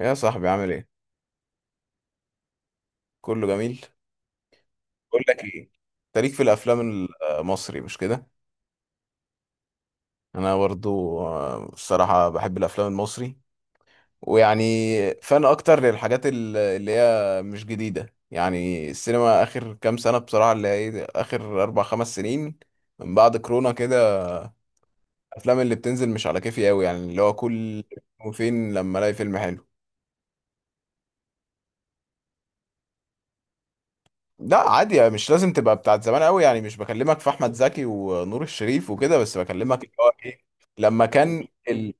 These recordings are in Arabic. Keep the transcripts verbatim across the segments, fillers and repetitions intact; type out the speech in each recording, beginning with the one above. يا صاحبي عامل ايه؟ كله جميل. بقول لك ايه، انت ليك في الافلام المصري؟ مش كده. انا برضو آه، الصراحه بحب الافلام المصري ويعني فان اكتر للحاجات ال- اللي هي مش جديده، يعني السينما اخر كام سنه، بصراحه اللي هي إيه، اخر اربع خمس سنين، من بعد كورونا كده. الافلام اللي بتنزل مش على كيفي قوي، يعني اللي هو كل فين لما الاقي فيلم حلو. لا عادي، يعني مش لازم تبقى بتاعت زمان قوي، يعني مش بكلمك في احمد زكي ونور الشريف وكده، بس بكلمك اللي هو ايه، لما كان ال...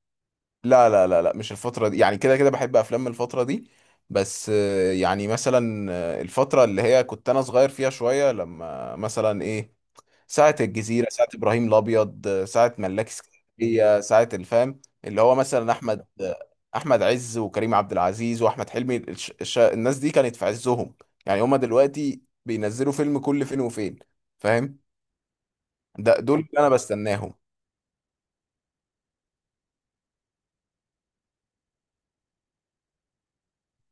لا لا لا لا، مش الفترة دي، يعني كده كده بحب افلام من الفترة دي، بس آه، يعني مثلا آه، الفترة اللي هي كنت انا صغير فيها شوية، لما مثلا ايه، ساعة الجزيرة، ساعة إبراهيم الأبيض، ساعة ملاك اسكندرية، ساعة الفام، اللي هو مثلا أحمد أحمد عز وكريم عبد العزيز وأحمد حلمي، الش... الش... الناس دي كانت في عزهم. يعني هما دلوقتي بينزلوا فيلم كل فين وفين، فاهم؟ ده دول اللي أنا بستناهم.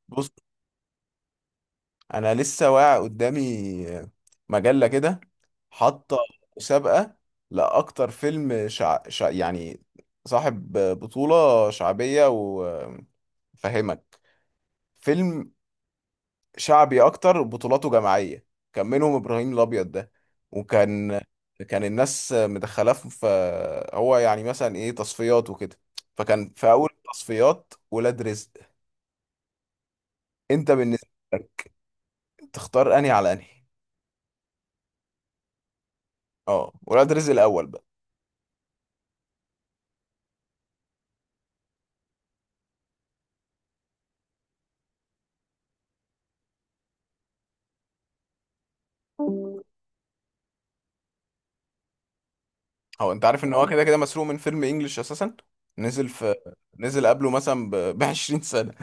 بص، أنا لسه واقع قدامي مجلة كده، حاطة مسابقة لأكتر فيلم شع... شع... يعني صاحب بطولة شعبية، و فهمك، فيلم شعبي اكتر بطولاته جماعيه. كان منهم ابراهيم الابيض ده، وكان كان الناس مدخلاه في، هو يعني مثلا ايه، تصفيات وكده. فكان في اول التصفيات ولاد رزق. انت بالنسبه لك تختار انهي على انهي؟ اه ولاد رزق الاول بقى. هو انت عارف ان هو كده كده مسروق من فيلم انجلش اساسا، نزل في، نزل قبله مثلا ب عشرين سنه.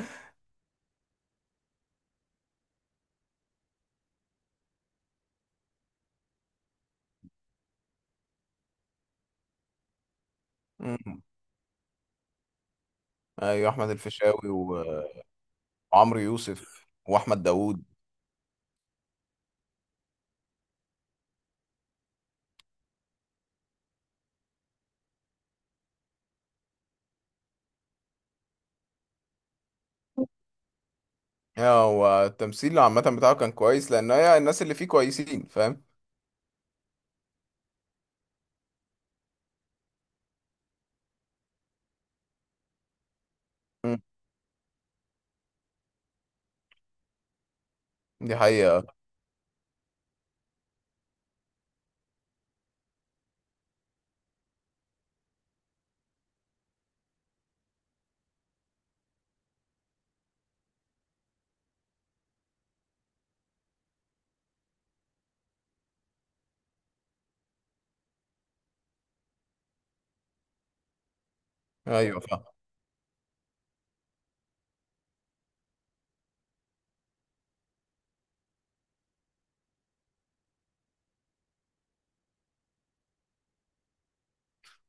مم. ايوه احمد الفيشاوي و- وعمرو يوسف واحمد داوود. هو التمثيل عامة بتاعه كان كويس، لأن هي الناس اللي فيه كويسين، فاهم؟ مم. دي حقيقة. أيوة فاهم.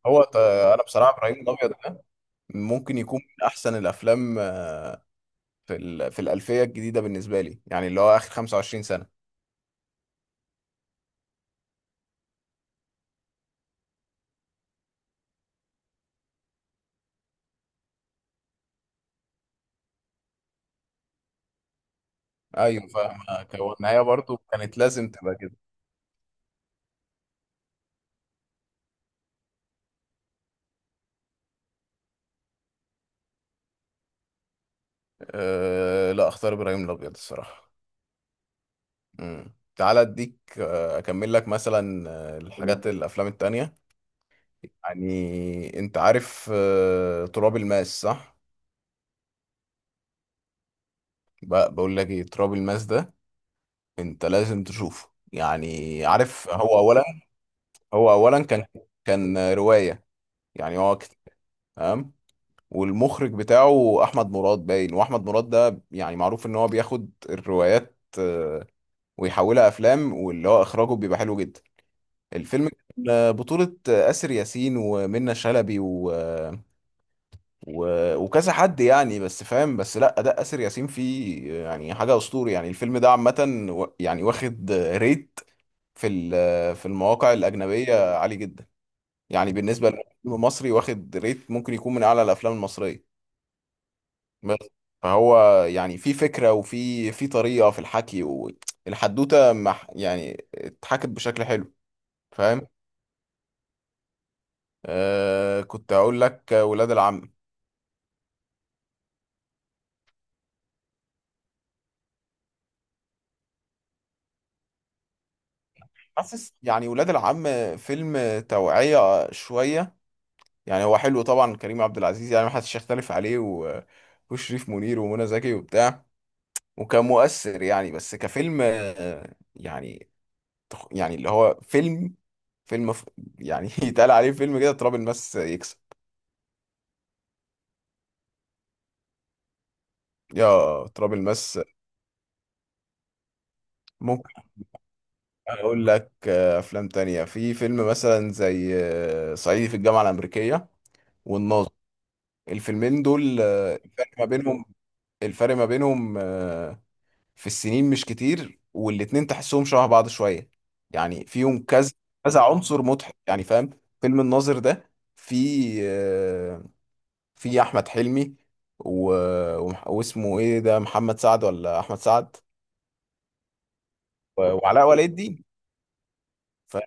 هو ت- أنا بصراحة إبراهيم الأبيض ده ممكن يكون من أحسن الأفلام في ال... في الألفية الجديدة بالنسبة لي، يعني اللي هو آخر خمسة وعشرين سنة. أيوة فاهم. هو النهاية برضو كانت لازم تبقى كده. أه... لا أختار إبراهيم الأبيض الصراحة. مم. تعالى أديك آه، أكمل لك مثلا آه، الحاجات الأفلام التانية. يعني أنت عارف آه، تراب الماس، صح؟ بقى بقول لك ايه، تراب الماس ده انت لازم تشوفه. يعني عارف، هو اولا، هو اولا كان كان روايه، يعني هو كت- تمام. والمخرج بتاعه احمد مراد، باين. واحمد مراد ده يعني معروف ان هو بياخد الروايات آه، ويحولها افلام، واللي هو اخراجه بيبقى حلو جدا. الفيلم كان آه، بطولة آه، آسر ياسين ومنة شلبي و... وكذا حد يعني، بس فاهم، بس لا اداء اسر ياسين فيه يعني حاجه اسطوري. يعني الفيلم ده عامه و... يعني واخد ريت في ال- في المواقع الاجنبيه عالي جدا، يعني بالنسبه للفيلم المصري واخد ريت ممكن يكون من اعلى الافلام المصريه. بس فهو يعني في فكره، وفي في طريقه في الحكي، والحدوته مح... يعني اتحكت بشكل حلو، فاهم؟ آه كنت اقول لك، ولاد العم. حاسس يعني ولاد العم فيلم توعيه شويه، يعني هو حلو طبعا، كريم عبد العزيز يعني ما حدش يختلف عليه و... وشريف منير ومنى زكي وبتاع، وكان مؤثر يعني. بس كفيلم آه، يعني تخ- يعني اللي هو فيلم فيلم ف... يعني يتقال عليه فيلم كده، تراب الماس يكسب. يا تراب الماس. ممكن اقول لك آه، افلام تانية، في فيلم مثلا زي آه، صعيدي في الجامعة الأمريكية، والناظر. الفيلمين دول آه، الفرق ما بينهم، الفرق ما بينهم في السنين مش كتير، والاتنين تحسهم شبه بعض شوية. يعني فيهم كذا كذا عنصر مضحك، يعني فاهم؟ فيلم الناظر ده في آه، في أحمد حلمي و... ومح- واسمه ايه ده، محمد سعد ولا أحمد سعد، و- وعلاء ولي الدين، فاهم؟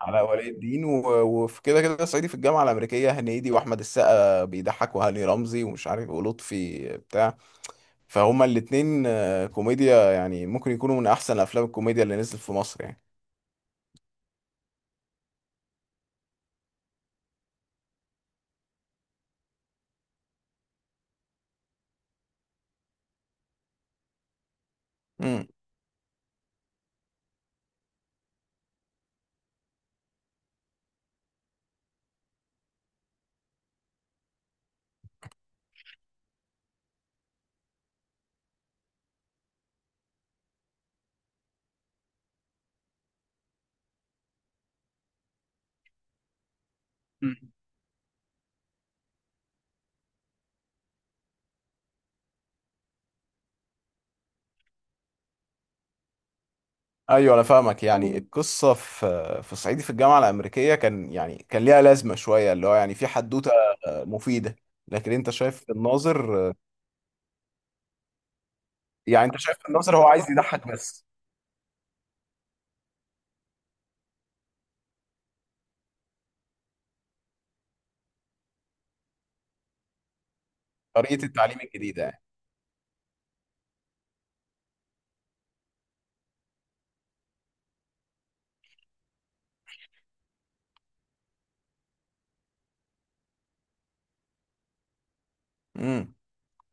علاء ولي الدين، و- وفي كده كده صعيدي في الجامعة الأمريكية، هنيدي وأحمد السقا بيضحك وهاني رمزي ومش عارف ولطفي بتاع. فهما الاتنين آه، كوميديا، يعني ممكن يكونوا من أحسن أفلام الكوميديا اللي نزلت في مصر يعني. مم. مم. ايوه انا فاهمك، يعني القصه في في صعيدي في الجامعه الامريكيه كان يعني كان ليها لازمه شويه، اللي هو يعني في حدوته مفيده. لكن انت شايف في الناظر، يعني انت شايف في الناظر هو عايز يضحك بس، طريقه التعليم الجديده يعني. امم،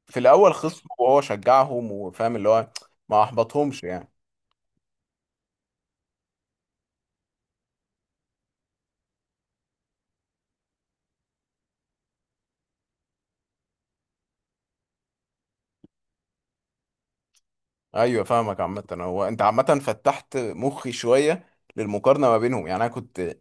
في الاول خصمه وهو شجعهم، وفاهم اللي هو ما احبطهمش يعني. ايوه فاهمك. عامة هو انت عامة فتحت مخي شوية للمقارنة ما بينهم، يعني انا كنت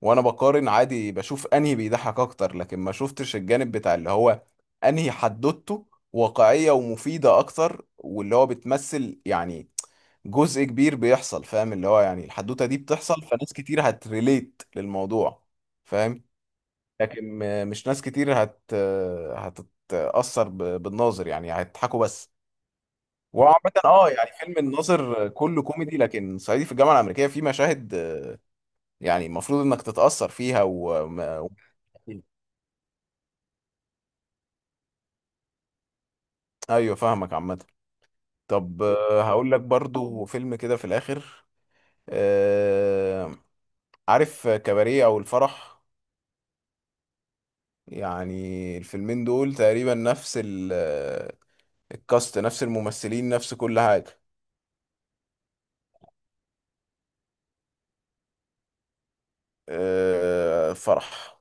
وانا بقارن عادي بشوف انهي بيضحك اكتر، لكن ما شفتش الجانب بتاع اللي هو انهي حدوته واقعية ومفيدة اكتر، واللي هو بتمثل يعني جزء كبير بيحصل، فاهم اللي هو يعني الحدوتة دي بتحصل فناس كتير هتريليت للموضوع، فاهم؟ لكن م- مش ناس كتير هت هتتأثر ب- بالناظر، يعني هيضحكوا بس. وعامة اه يعني فيلم الناظر كله كوميدي، لكن صعيدي في الجامعة الأمريكية فيه مشاهد يعني المفروض إنك تتأثر فيها و... و... أيوه فاهمك عامة. طب آه، هقول لك برضو فيلم كده في الآخر، آه، عارف كباريه أو الفرح؟ يعني الفيلمين دول تقريبا نفس ال... الكاست، نفس الممثلين، نفس كل حاجة. آه، فرح،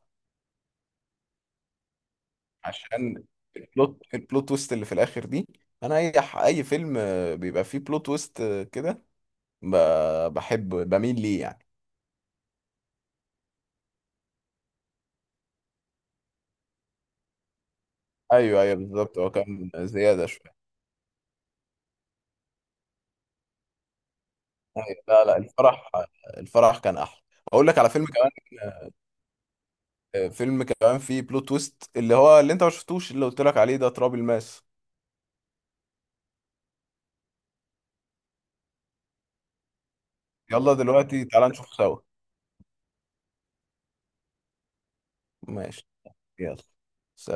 عشان البلوت، البلوت تويست اللي في الاخر دي. انا اي ح- اي فيلم آه، بيبقى فيه بلوت تويست آه، كده، ب- بحب بميل ليه يعني. ايوه ايوه بالظبط، هو كان زياده شويه. أيوة. لا لا، الفرح، الفرح كان احلى. اقول لك على فيلم كمان، آه، فيلم كمان فيه بلوت تويست، اللي هو اللي انت ما شفتوش اللي قلت لك عليه ده، تراب الماس. يلا دلوقتي تعالى نشوف سوا. ماشي، يلا.